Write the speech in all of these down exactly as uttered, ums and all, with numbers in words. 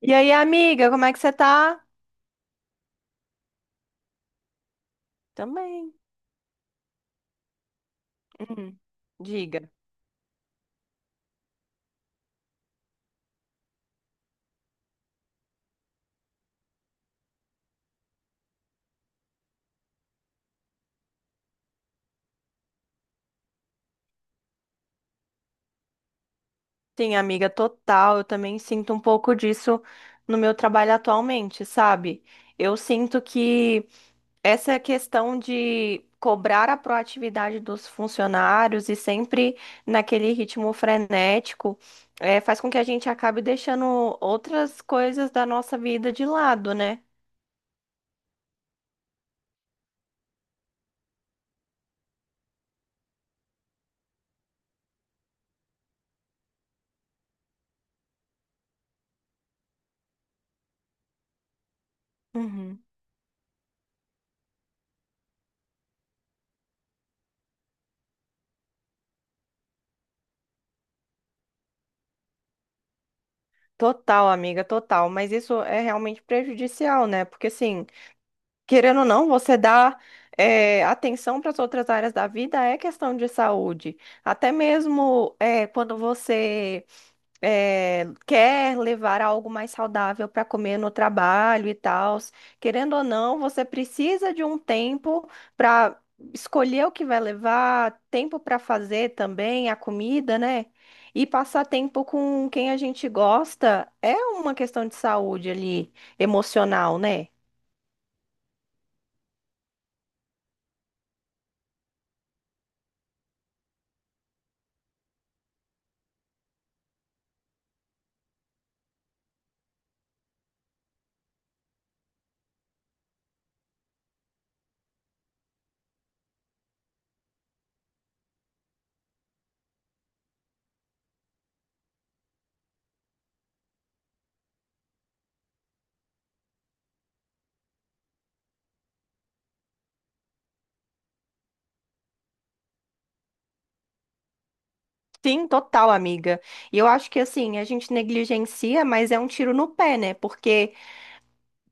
E aí, amiga, como é que você tá? Também. Hum, diga. Sim, amiga, total. Eu também sinto um pouco disso no meu trabalho atualmente, sabe? Eu sinto que essa questão de cobrar a proatividade dos funcionários e sempre naquele ritmo frenético, eh, faz com que a gente acabe deixando outras coisas da nossa vida de lado, né? Uhum. Total, amiga, total. Mas isso é realmente prejudicial, né? Porque assim, querendo ou não, você dá eh, atenção para as outras áreas da vida é questão de saúde. Até mesmo eh, quando você eh, quer levar algo mais saudável para comer no trabalho e tal, querendo ou não, você precisa de um tempo para escolher o que vai levar, tempo para fazer também a comida, né? E passar tempo com quem a gente gosta é uma questão de saúde ali, emocional, né? Sim, total, amiga. E eu acho que assim, a gente negligencia, mas é um tiro no pé, né? Porque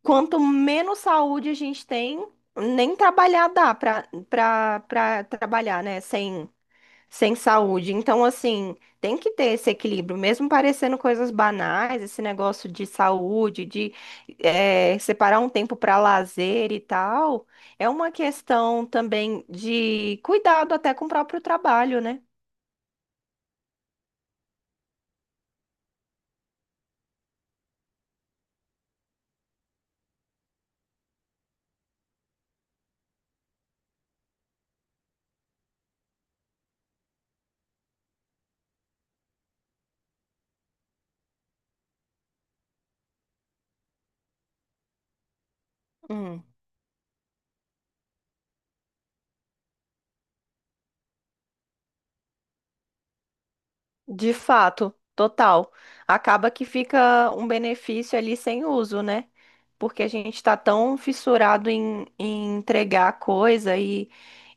quanto menos saúde a gente tem, nem trabalhar dá pra, pra, pra trabalhar, né? Sem, sem saúde. Então, assim, tem que ter esse equilíbrio, mesmo parecendo coisas banais, esse negócio de saúde, de eh, separar um tempo para lazer e tal, é uma questão também de cuidado até com o próprio trabalho, né? Hum. De fato, total. Acaba que fica um benefício ali sem uso, né? Porque a gente tá tão fissurado em, em entregar coisa e,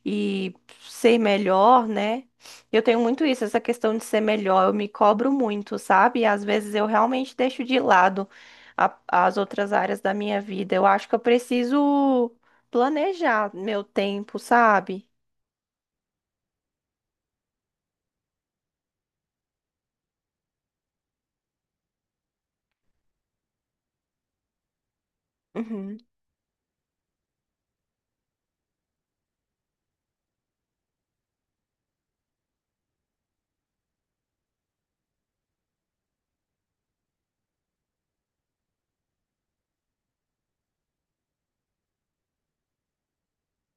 e ser melhor, né? Eu tenho muito isso, essa questão de ser melhor. Eu me cobro muito, sabe? E às vezes eu realmente deixo de lado a- as outras áreas da minha vida. Eu acho que eu preciso planejar meu tempo, sabe?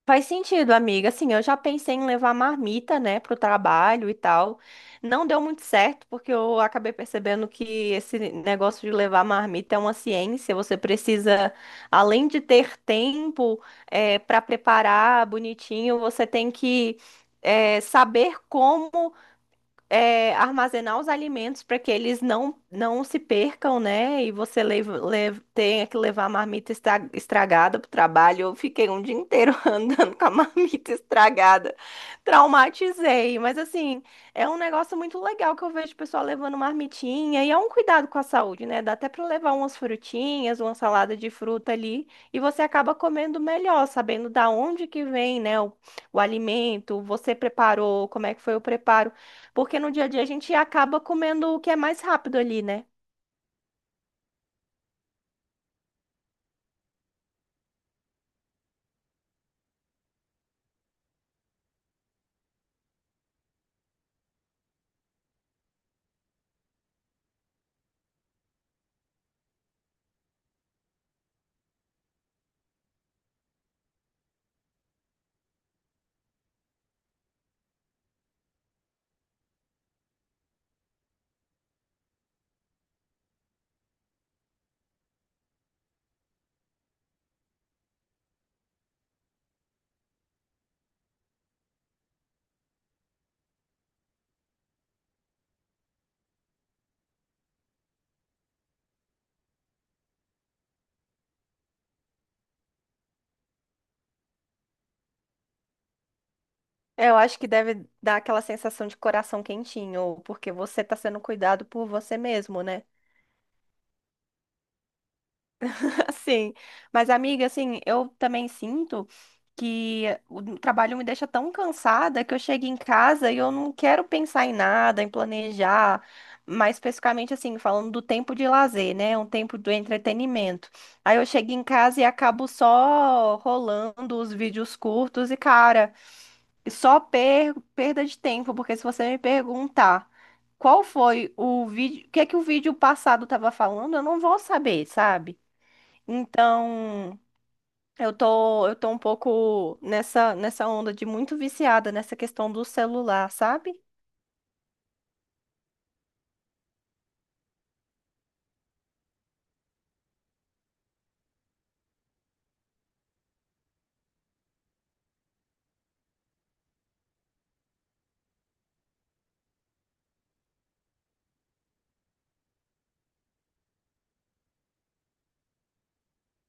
Faz sentido, amiga. Assim, eu já pensei em levar marmita, né, pro trabalho e tal. Não deu muito certo, porque eu acabei percebendo que esse negócio de levar marmita é uma ciência. Você precisa, além de ter tempo, para preparar bonitinho, você tem que, eh, saber como é, armazenar os alimentos para que eles não, não se percam, né? E você leva, lev- tenha que levar a marmita estra- estragada para o trabalho. Eu fiquei um dia inteiro andando com a marmita estragada. Traumatizei. Mas, assim, é um negócio muito legal que eu vejo o pessoal levando marmitinha. E é um cuidado com a saúde, né? Dá até para levar umas frutinhas, uma salada de fruta ali. E você acaba comendo melhor, sabendo da onde que vem, né? O, o alimento, você preparou, como é que foi o preparo. Porque no dia a dia a gente acaba comendo o que é mais rápido ali, né? É, eu acho que deve dar aquela sensação de coração quentinho, porque você tá sendo cuidado por você mesmo, né? Assim, mas, amiga, assim, eu também sinto que o trabalho me deixa tão cansada que eu chego em casa e eu não quero pensar em nada, em planejar. Mais especificamente, assim, falando do tempo de lazer, né? Um tempo do entretenimento. Aí eu chego em casa e acabo só rolando os vídeos curtos e, cara, só per- perda de tempo, porque se você me perguntar qual foi o vídeo, o que é que o vídeo passado estava falando, eu não vou saber, sabe? Então, eu tô, eu tô um pouco nessa, nessa onda de muito viciada nessa questão do celular, sabe?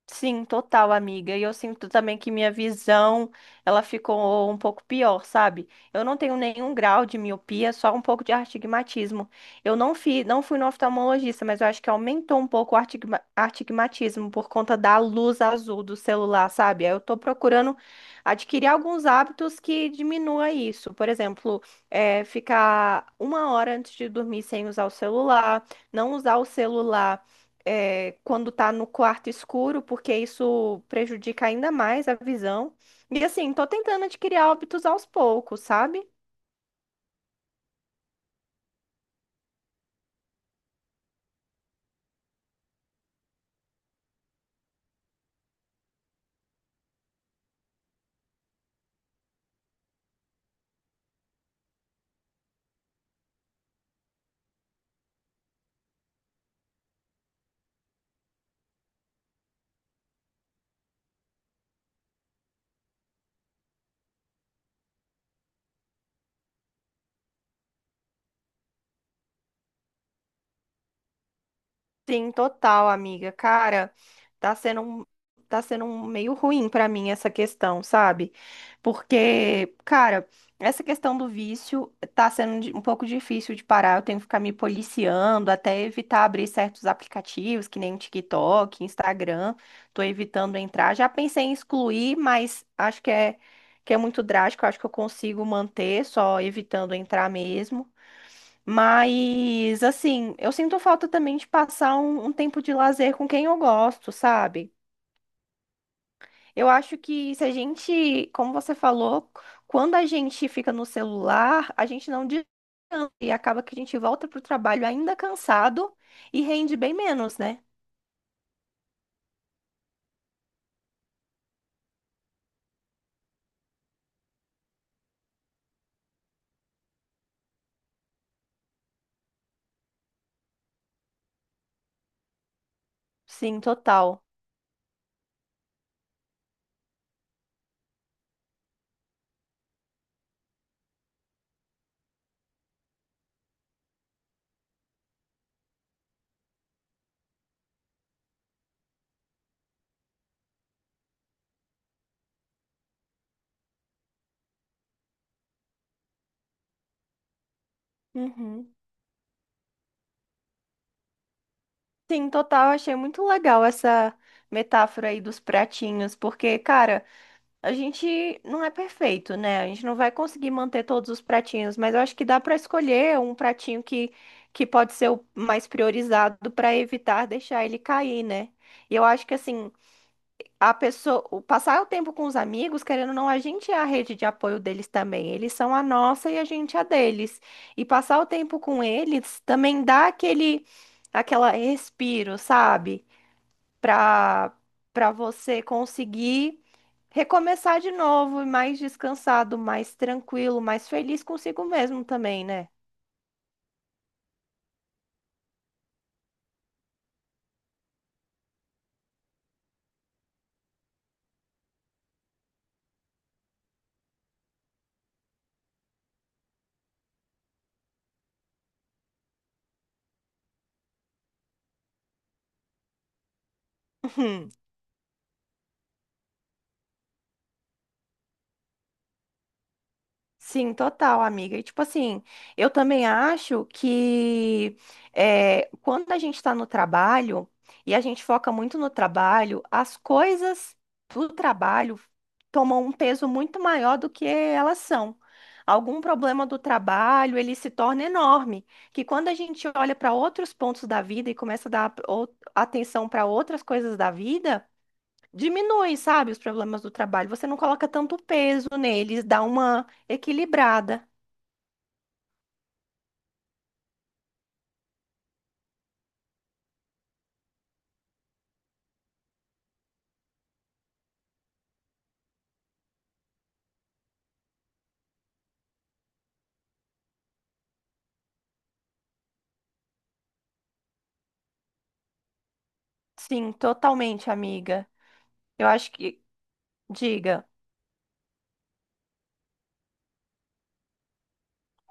Sim, total, amiga. E eu sinto também que minha visão, ela ficou um pouco pior, sabe? Eu não tenho nenhum grau de miopia, só um pouco de astigmatismo. Eu não fi, não fui no oftalmologista, mas eu acho que aumentou um pouco o artigma- astigmatismo por conta da luz azul do celular, sabe? Aí eu tô procurando adquirir alguns hábitos que diminua isso. Por exemplo, é, ficar uma hora antes de dormir sem usar o celular, não usar o celular é, quando tá no quarto escuro, porque isso prejudica ainda mais a visão. E assim, tô tentando adquirir hábitos aos poucos, sabe? Sim, total, amiga. Cara, tá sendo um, tá sendo um meio ruim pra mim essa questão, sabe? Porque, cara, essa questão do vício tá sendo di- um pouco difícil de parar. Eu tenho que ficar me policiando, até evitar abrir certos aplicativos, que nem TikTok, Instagram. Tô evitando entrar. Já pensei em excluir, mas acho que é que é muito drástico. Acho que eu consigo manter só evitando entrar mesmo. Mas, assim, eu sinto falta também de passar um, um tempo de lazer com quem eu gosto, sabe? Eu acho que se a gente, como você falou, quando a gente fica no celular, a gente não descansa e acaba que a gente volta pro trabalho ainda cansado e rende bem menos, né? Sim, total. Uhum. Sim, total. Achei muito legal essa metáfora aí dos pratinhos, porque, cara, a gente não é perfeito, né? A gente não vai conseguir manter todos os pratinhos, mas eu acho que dá para escolher um pratinho que, que pode ser o mais priorizado para evitar deixar ele cair, né? E eu acho que assim, a pessoa, o- passar o tempo com os amigos, querendo ou não, a gente é a rede de apoio deles também. Eles são a nossa e a gente é a deles. E passar o tempo com eles também dá aquele aquela respiro, sabe? para para você conseguir recomeçar de novo, mais descansado, mais tranquilo, mais feliz consigo mesmo também, né? Sim, total, amiga. E tipo assim, eu também acho que é, quando a gente está no trabalho e a gente foca muito no trabalho, as coisas do trabalho tomam um peso muito maior do que elas são. Algum problema do trabalho, ele se torna enorme, que quando a gente olha para outros pontos da vida e começa a dar ou- atenção para outras coisas da vida, diminui, sabe, os problemas do trabalho. Você não coloca tanto peso neles, dá uma equilibrada. Sim, totalmente, amiga. Eu acho que, diga,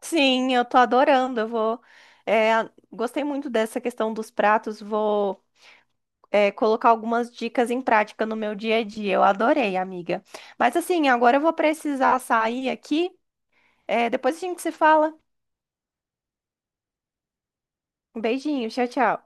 sim, eu tô adorando. Eu vou, é, gostei muito dessa questão dos pratos. Vou, é, colocar algumas dicas em prática no meu dia a dia. Eu adorei, amiga. Mas assim, agora eu vou precisar sair aqui. É, depois a gente se fala. Um beijinho, tchau, tchau.